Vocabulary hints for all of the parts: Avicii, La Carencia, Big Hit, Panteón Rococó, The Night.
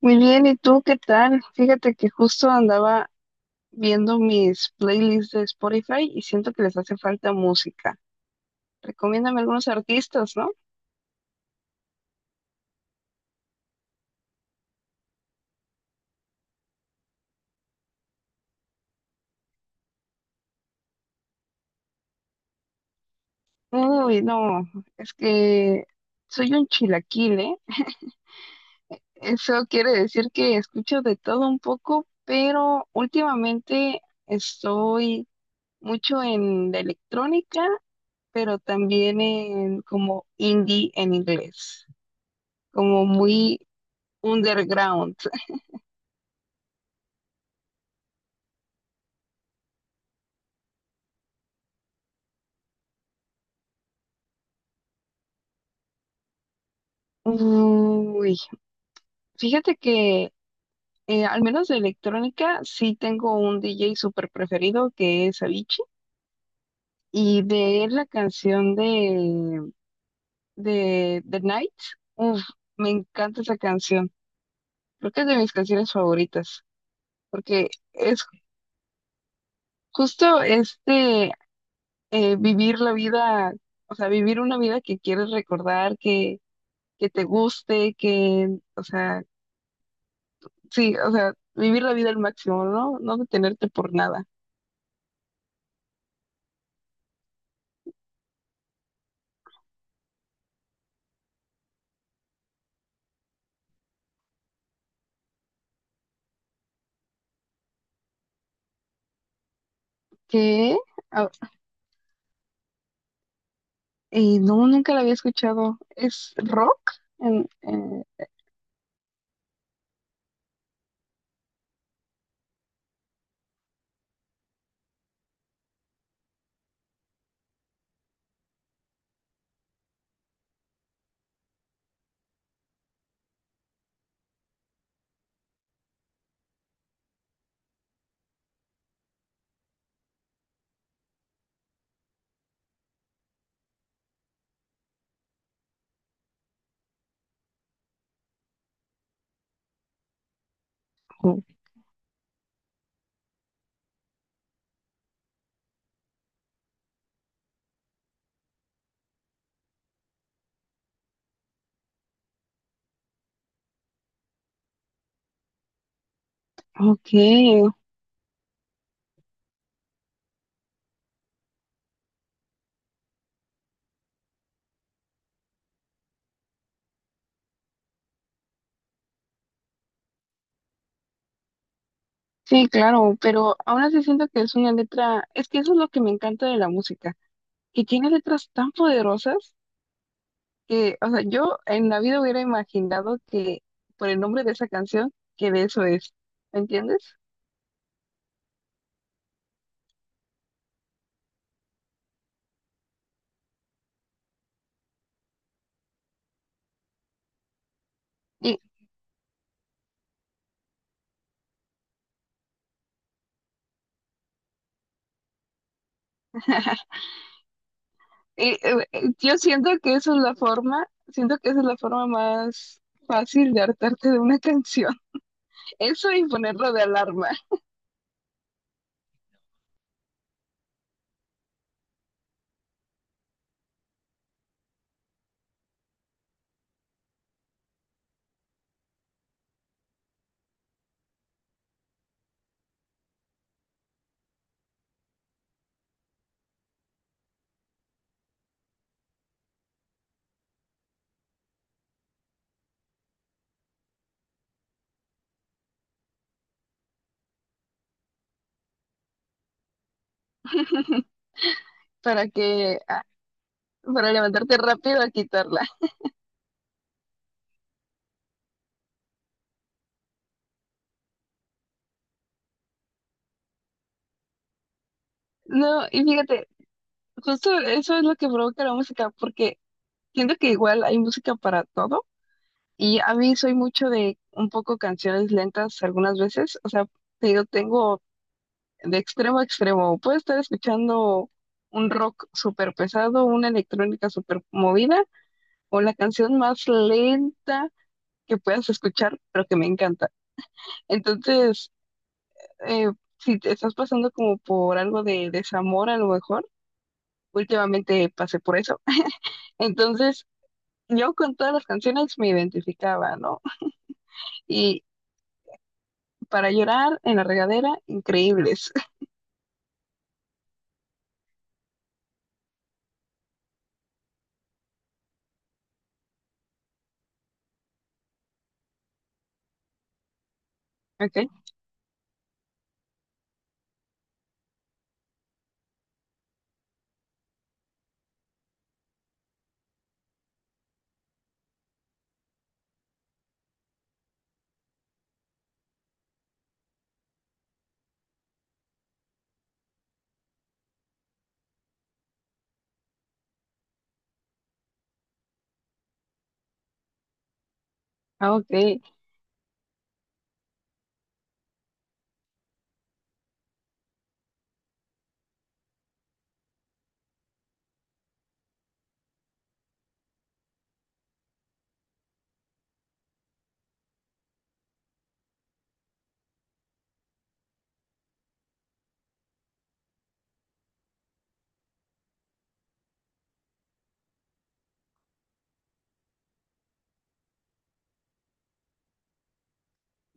Muy bien, ¿y tú qué tal? Fíjate que justo andaba viendo mis playlists de Spotify y siento que les hace falta música. Recomiéndame algunos artistas, ¿no? Uy, no, es que soy un chilaquile. Eso quiere decir que escucho de todo un poco, pero últimamente estoy mucho en la electrónica, pero también en como indie en inglés, como muy underground. Uy, fíjate que al menos de electrónica sí tengo un DJ súper preferido que es Avicii y de él la canción de The Night, uf, me encanta esa canción, creo que es de mis canciones favoritas porque es justo este vivir la vida, o sea, vivir una vida que quieres recordar, que te guste, que, o sea, sí, o sea, vivir la vida al máximo, ¿no? No detenerte por nada. ¿Qué? No, nunca la había escuchado. ¿Es rock? En- eh, o- ok, sí, claro, pero aún así siento que es una letra, es que eso es lo que me encanta de la música, que tiene letras tan poderosas que, o sea, yo en la vida hubiera imaginado que por el nombre de esa canción, que de eso es, ¿me entiendes? Y, y yo siento que eso es la forma, siento que esa es la forma más fácil de hartarte de una canción, eso y ponerlo de alarma. Para para levantarte rápido a quitarla. No, y fíjate, justo eso es lo que provoca la música, porque siento que igual hay música para todo, y a mí soy mucho de un poco canciones lentas algunas veces, o sea, te digo, tengo de extremo a extremo, puedo estar escuchando un rock súper pesado, una electrónica súper movida, o la canción más lenta que puedas escuchar, pero que me encanta. Entonces, eh, si te estás pasando como por algo de desamor a lo mejor, últimamente pasé por eso. Entonces, yo con todas las canciones me identificaba, ¿no? Y para llorar en la regadera, increíbles. Ok, ah, ok.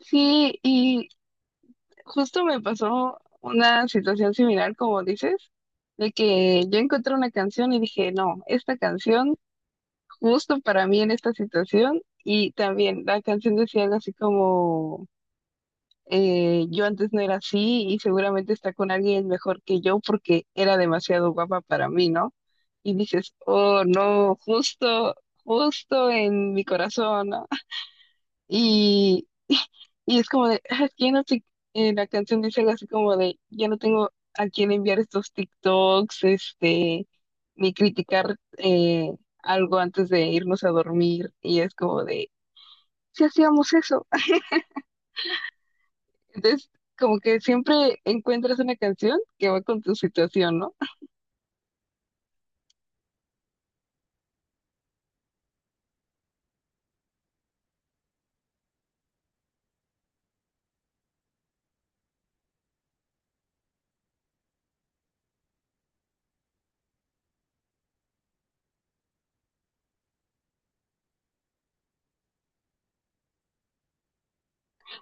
Sí, y justo me pasó una situación similar, como dices, de que yo encontré una canción y dije, no, esta canción justo para mí en esta situación. Y también la canción decía algo así como yo antes no era así y seguramente está con alguien mejor que yo porque era demasiado guapa para mí, ¿no? Y dices, oh, no, justo, justo en mi corazón, ¿no? Y, y es como de, "Ah, ya no te, la canción dice algo así como de, ya no tengo a quién enviar estos TikToks, este, ni criticar algo antes de irnos a dormir. Y es como de, si hacíamos eso. Entonces, como que siempre encuentras una canción que va con tu situación, ¿no?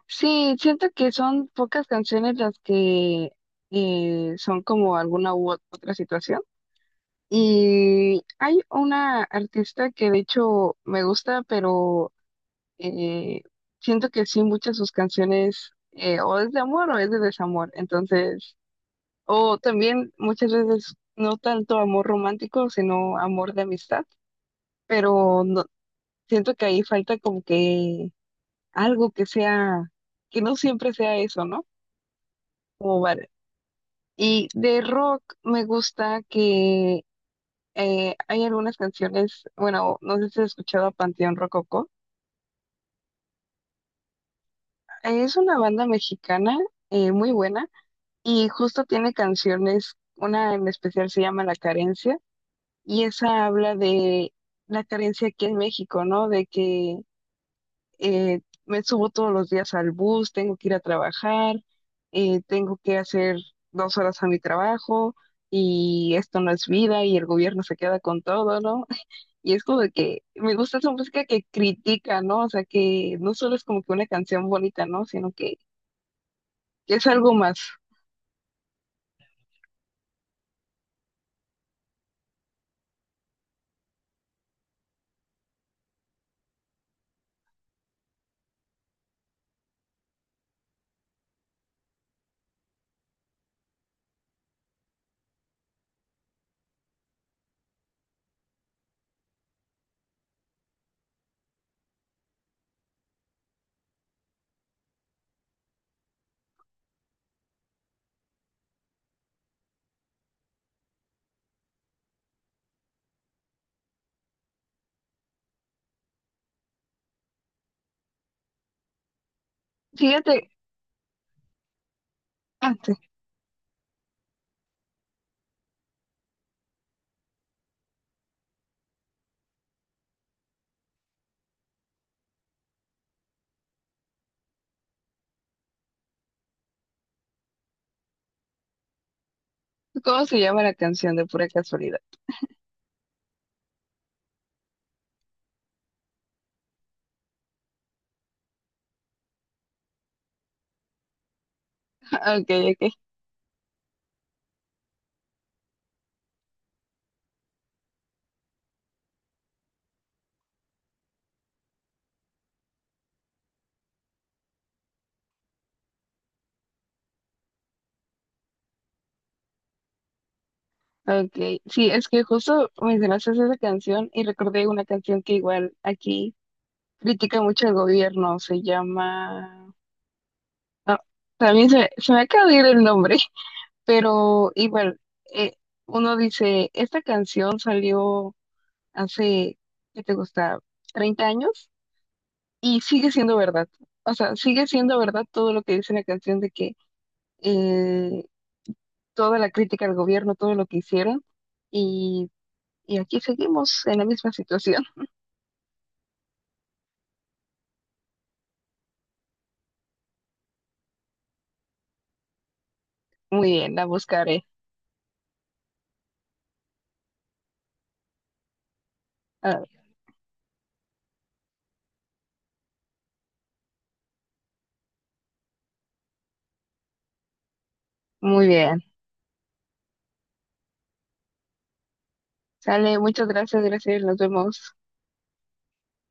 Sí, siento que son pocas canciones las que son como alguna u otra situación. Y hay una artista que de hecho me gusta, pero eh, siento que sí, muchas de sus canciones o es de amor o es de desamor. Entonces, o también muchas veces no tanto amor romántico, sino amor de amistad, pero no, siento que ahí falta como que algo que sea, que no siempre sea eso, ¿no? Como bar- Y de rock me gusta que hay algunas canciones, bueno, no sé si has escuchado a Panteón Rococó. Es una banda mexicana muy buena y justo tiene canciones, una en especial se llama La Carencia y esa habla de la carencia aquí en México, ¿no? De que me subo todos los días al bus, tengo que ir a trabajar, tengo que hacer 2 horas a mi trabajo y esto no es vida y el gobierno se queda con todo, ¿no? Y es como de que me gusta esa música que critica, ¿no? O sea, que no solo es como que una canción bonita, ¿no? Sino que, es algo más. Fíjate. antes, ¿Cómo se llama la canción de pura casualidad? Okay, okay, okay. Sí, es que justo mencionaste esa canción y recordé una canción que igual aquí critica mucho el gobierno, se llama... No, también se me acaba de ir el nombre, pero igual, eh, uno dice, esta canción salió hace, ¿qué te gusta? 30 años y sigue siendo verdad. O sea, sigue siendo verdad todo lo que dice la canción de que eh, toda la crítica al gobierno, todo lo que hicieron y, y aquí seguimos en la misma situación. Muy bien, la buscaré. Ah, muy bien. Sale, muchas gracias, gracias, nos vemos.